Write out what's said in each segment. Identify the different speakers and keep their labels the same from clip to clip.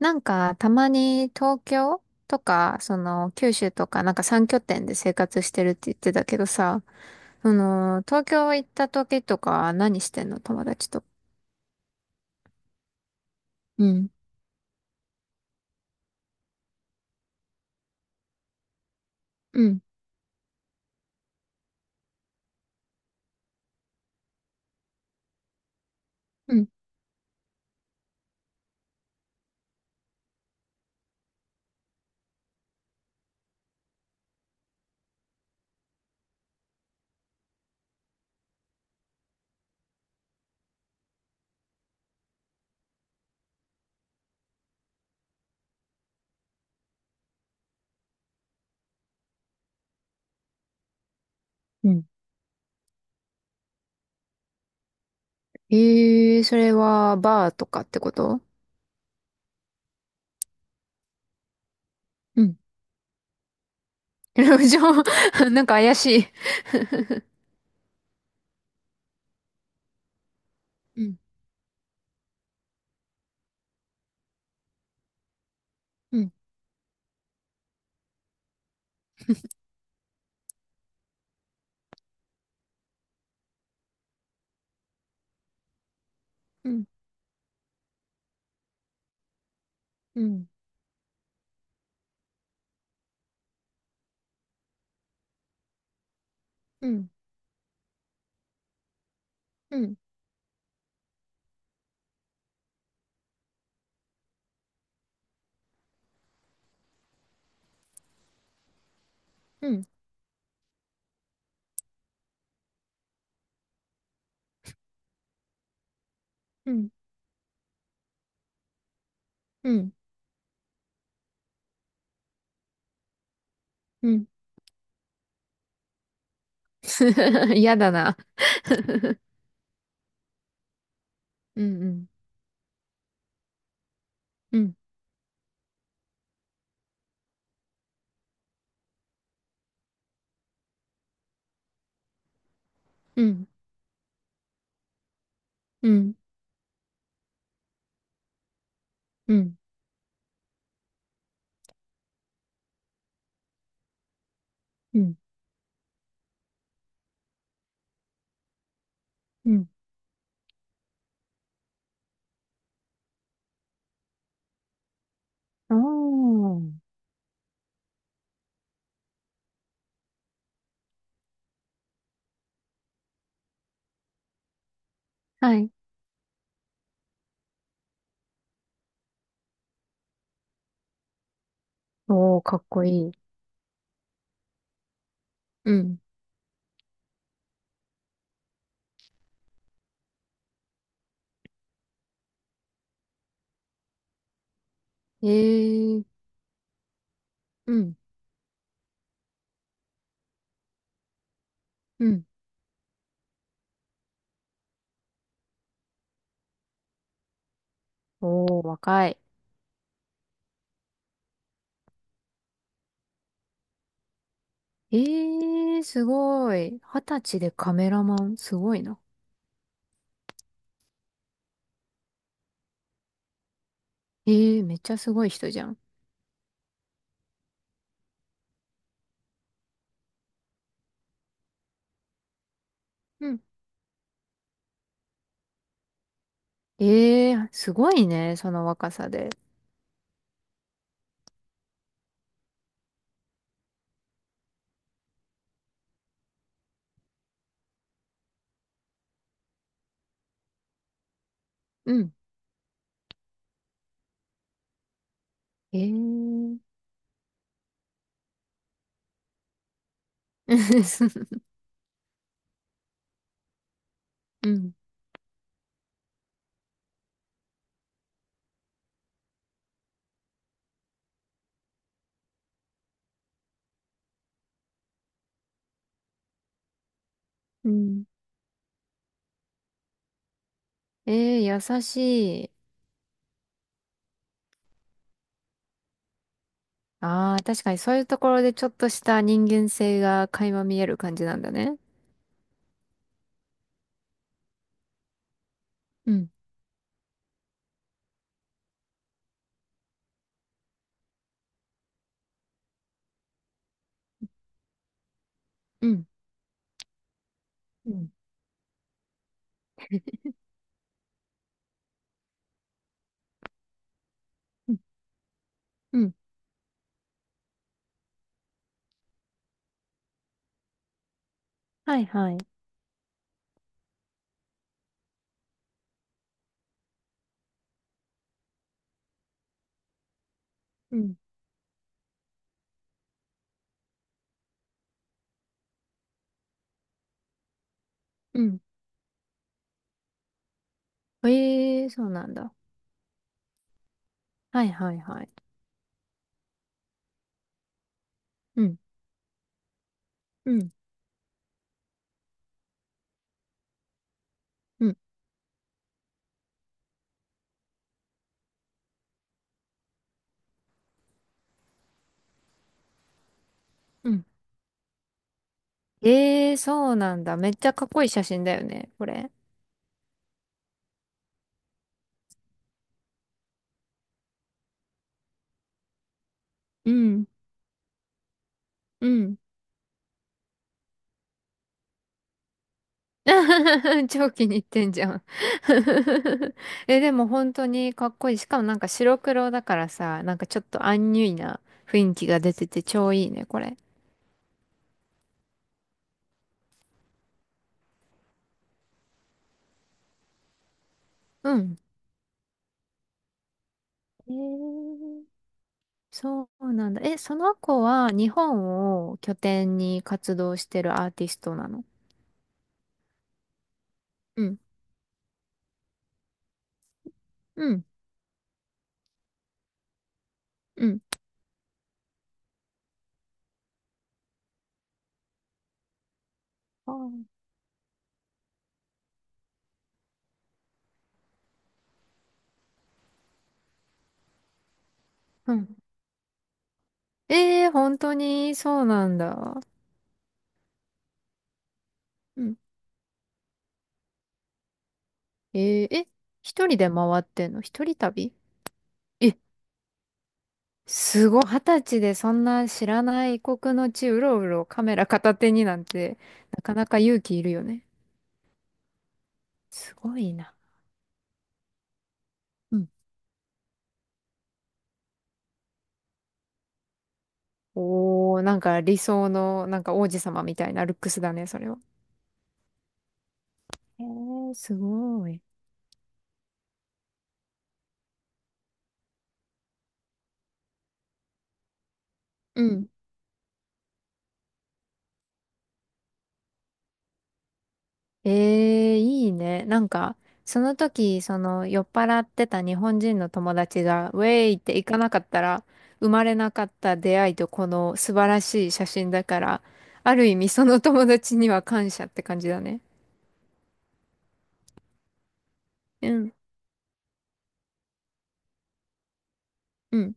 Speaker 1: なんか、たまに東京とか、その、九州とか、なんか3拠点で生活してるって言ってたけどさ、その、東京行った時とか何してんの友達と。うん、うん、うん、うん。ええー、それはバーとかってこと？うん、路上、なんか怪しい。うん、うん、うん、うん、うん、うん、うん、うん、うん、うん、嫌だな。うん、うん、うん、うん、うん、うん、うん、うん、おー。はい。おー、かっこいい。うん。ええ、うん、うん。おー、若い。ええ、すごい。二十歳でカメラマン、すごいな。ええ、めっちゃすごい人じゃん。うん。ええ、すごいね、その若さで。うん。ええ うん。うん。ええ、優しい。ああ、確かにそういうところでちょっとした人間性が垣間見える感じなんだね。うん、うん、うん。うん、はいはい。うん。うん。ええ、そうなんだ。はいはいはい。うん。うん。うん。うん。ええー、そうなんだ。めっちゃかっこいい写真だよね、これ。うん。うん。超気に入ってんじゃん。 え、でも本当にかっこいい。しかもなんか白黒だからさ、なんかちょっとアンニュイな雰囲気が出てて超いいね、これ。うん。えー、そうなんだ。え、その子は日本を拠点に活動してるアーティストなの？うん、うん、あー、うん。ええー、本当に、そうなんだ。うん。えー、え、一人で回ってんの？一人旅？え、すごい、二十歳でそんな知らない異国の地、うろうろカメラ片手になんて、なかなか勇気いるよね。すごいな。うん。おー、なんか理想の、なんか王子様みたいなルックスだね、それは。えー、すごい。うん。ええ、いいね。なんか、その時、その酔っ払ってた日本人の友達が、ウェイって行かなかったら、生まれなかった出会いとこの素晴らしい写真だから、ある意味その友達には感謝って感じだね。うん、うん、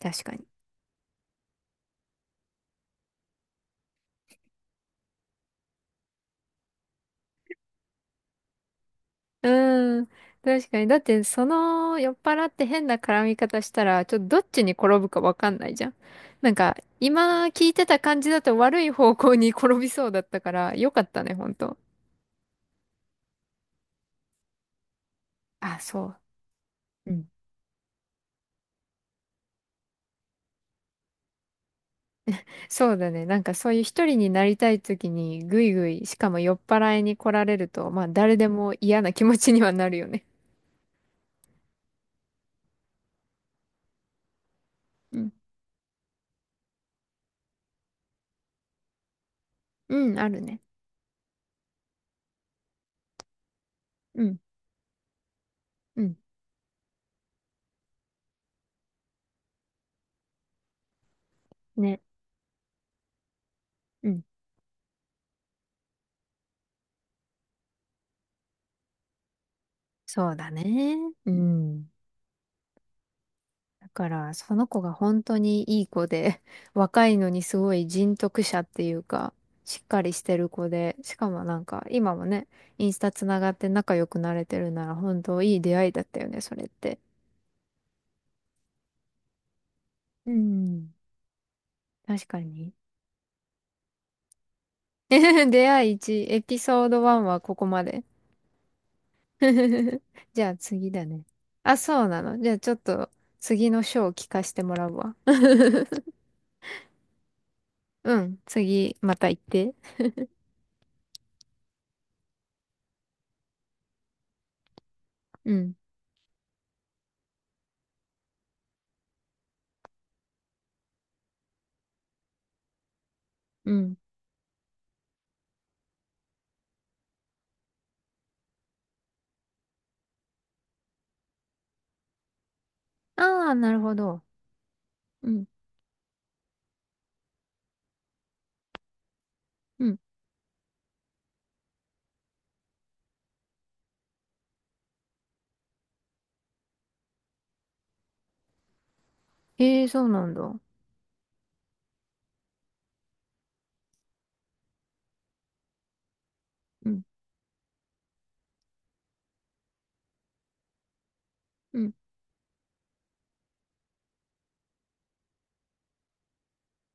Speaker 1: 確かに。うん、確かに。だって、その酔っ払って変な絡み方したら、ちょっとどっちに転ぶかわかんないじゃん。なんか、今聞いてた感じだと悪い方向に転びそうだったから、よかったね、ほんと。あ、そう。うん、そうだね。なんかそういう一人になりたい時にぐいぐい、しかも酔っ払いに来られると、まあ誰でも嫌な気持ちにはなるよね。うん。うん、あるね。うん。うん。ね。うん。そうだね。うん。だから、その子が本当にいい子で、若いのにすごい人徳者っていうか、しっかりしてる子で、しかもなんか今もね、インスタつながって仲良くなれてるなら本当いい出会いだったよね、それって。うん。確かに。出会い1、エピソード1はここまで。じゃあ次だね。あ、そうなの。じゃあちょっと次の章を聞かせてもらうわ。うん、次、また行って。うん、うん。ああ、なるほど。うん、うん。ええー、そうなんだ。うん、うん、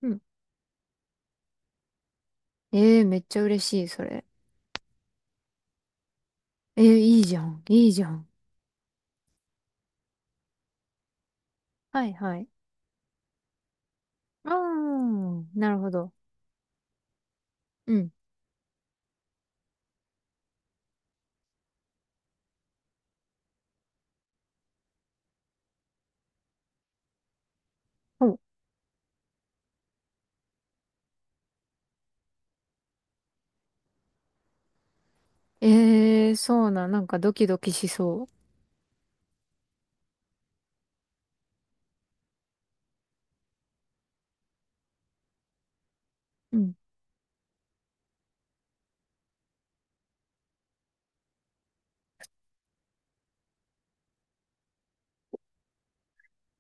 Speaker 1: うん。ええー、めっちゃ嬉しい、それ。ええー、いいじゃん、いいじゃん。はい、はい。ああ、なるほど。うん。ほう、ええー、そうなん、なんかドキドキしそう。うん。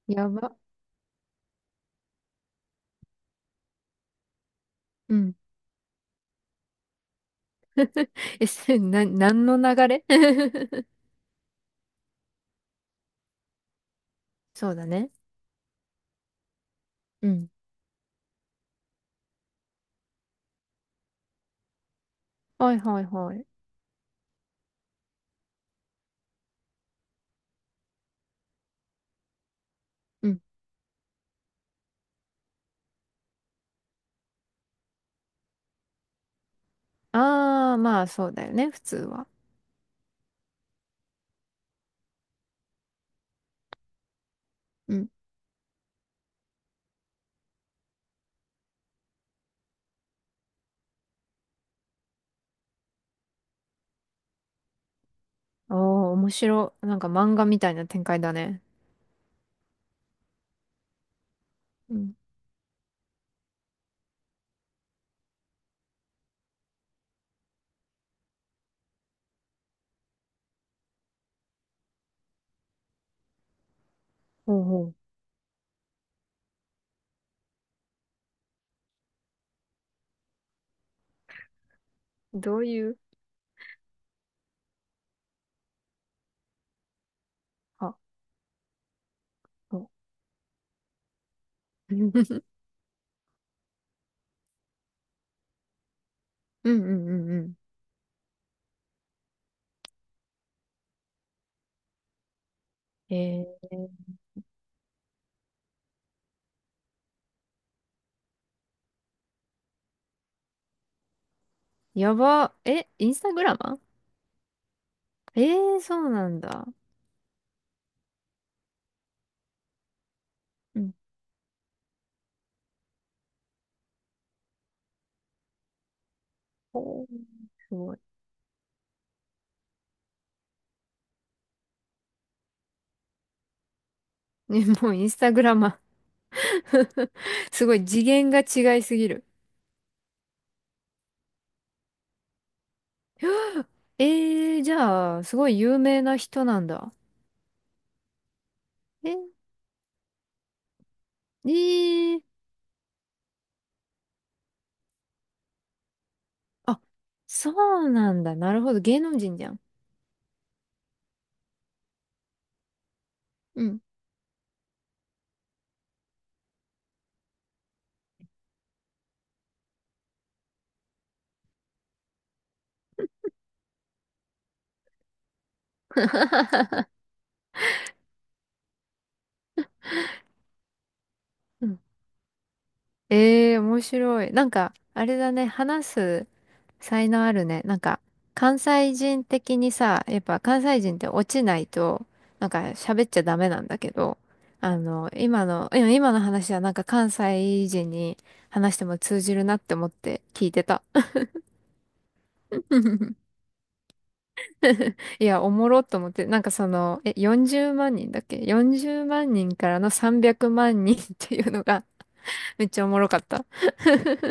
Speaker 1: やば。うん。 え、せな、何の流れ？ そうだね。うん。はいはいはい。うん。あー、まあそうだよね、普通は。うん。おー、面白い。なんか漫画みたいな展開だね。うん。ほうほう。どういう、あ、そう。うんうんうんうん。えー、やば。え、インスタグラマー？えー、そうなんだ。うん。ほう、すごい。ね、もうインスタグラマー。 すごい次元が違いすぎる。ええー、じゃあ、すごい有名な人なんだ。え、ええ、あ、そうなんだ。なるほど。芸能人じゃん。うん。うん。ええー、面白い。なんか、あれだね。話す才能あるね。なんか、関西人的にさ、やっぱ関西人って落ちないと、なんか喋っちゃダメなんだけど、あの、今の、いや今の話はなんか関西人に話しても通じるなって思って聞いてた。いや、おもろっと思って、なんかその、え、40万人だっけ？ 40 万人からの300万人っていうのが めっちゃおもろかった。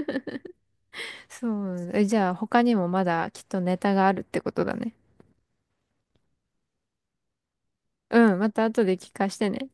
Speaker 1: そうなんだ。え、じゃあ他にもまだきっとネタがあるってことだね。うん、また後で聞かしてね。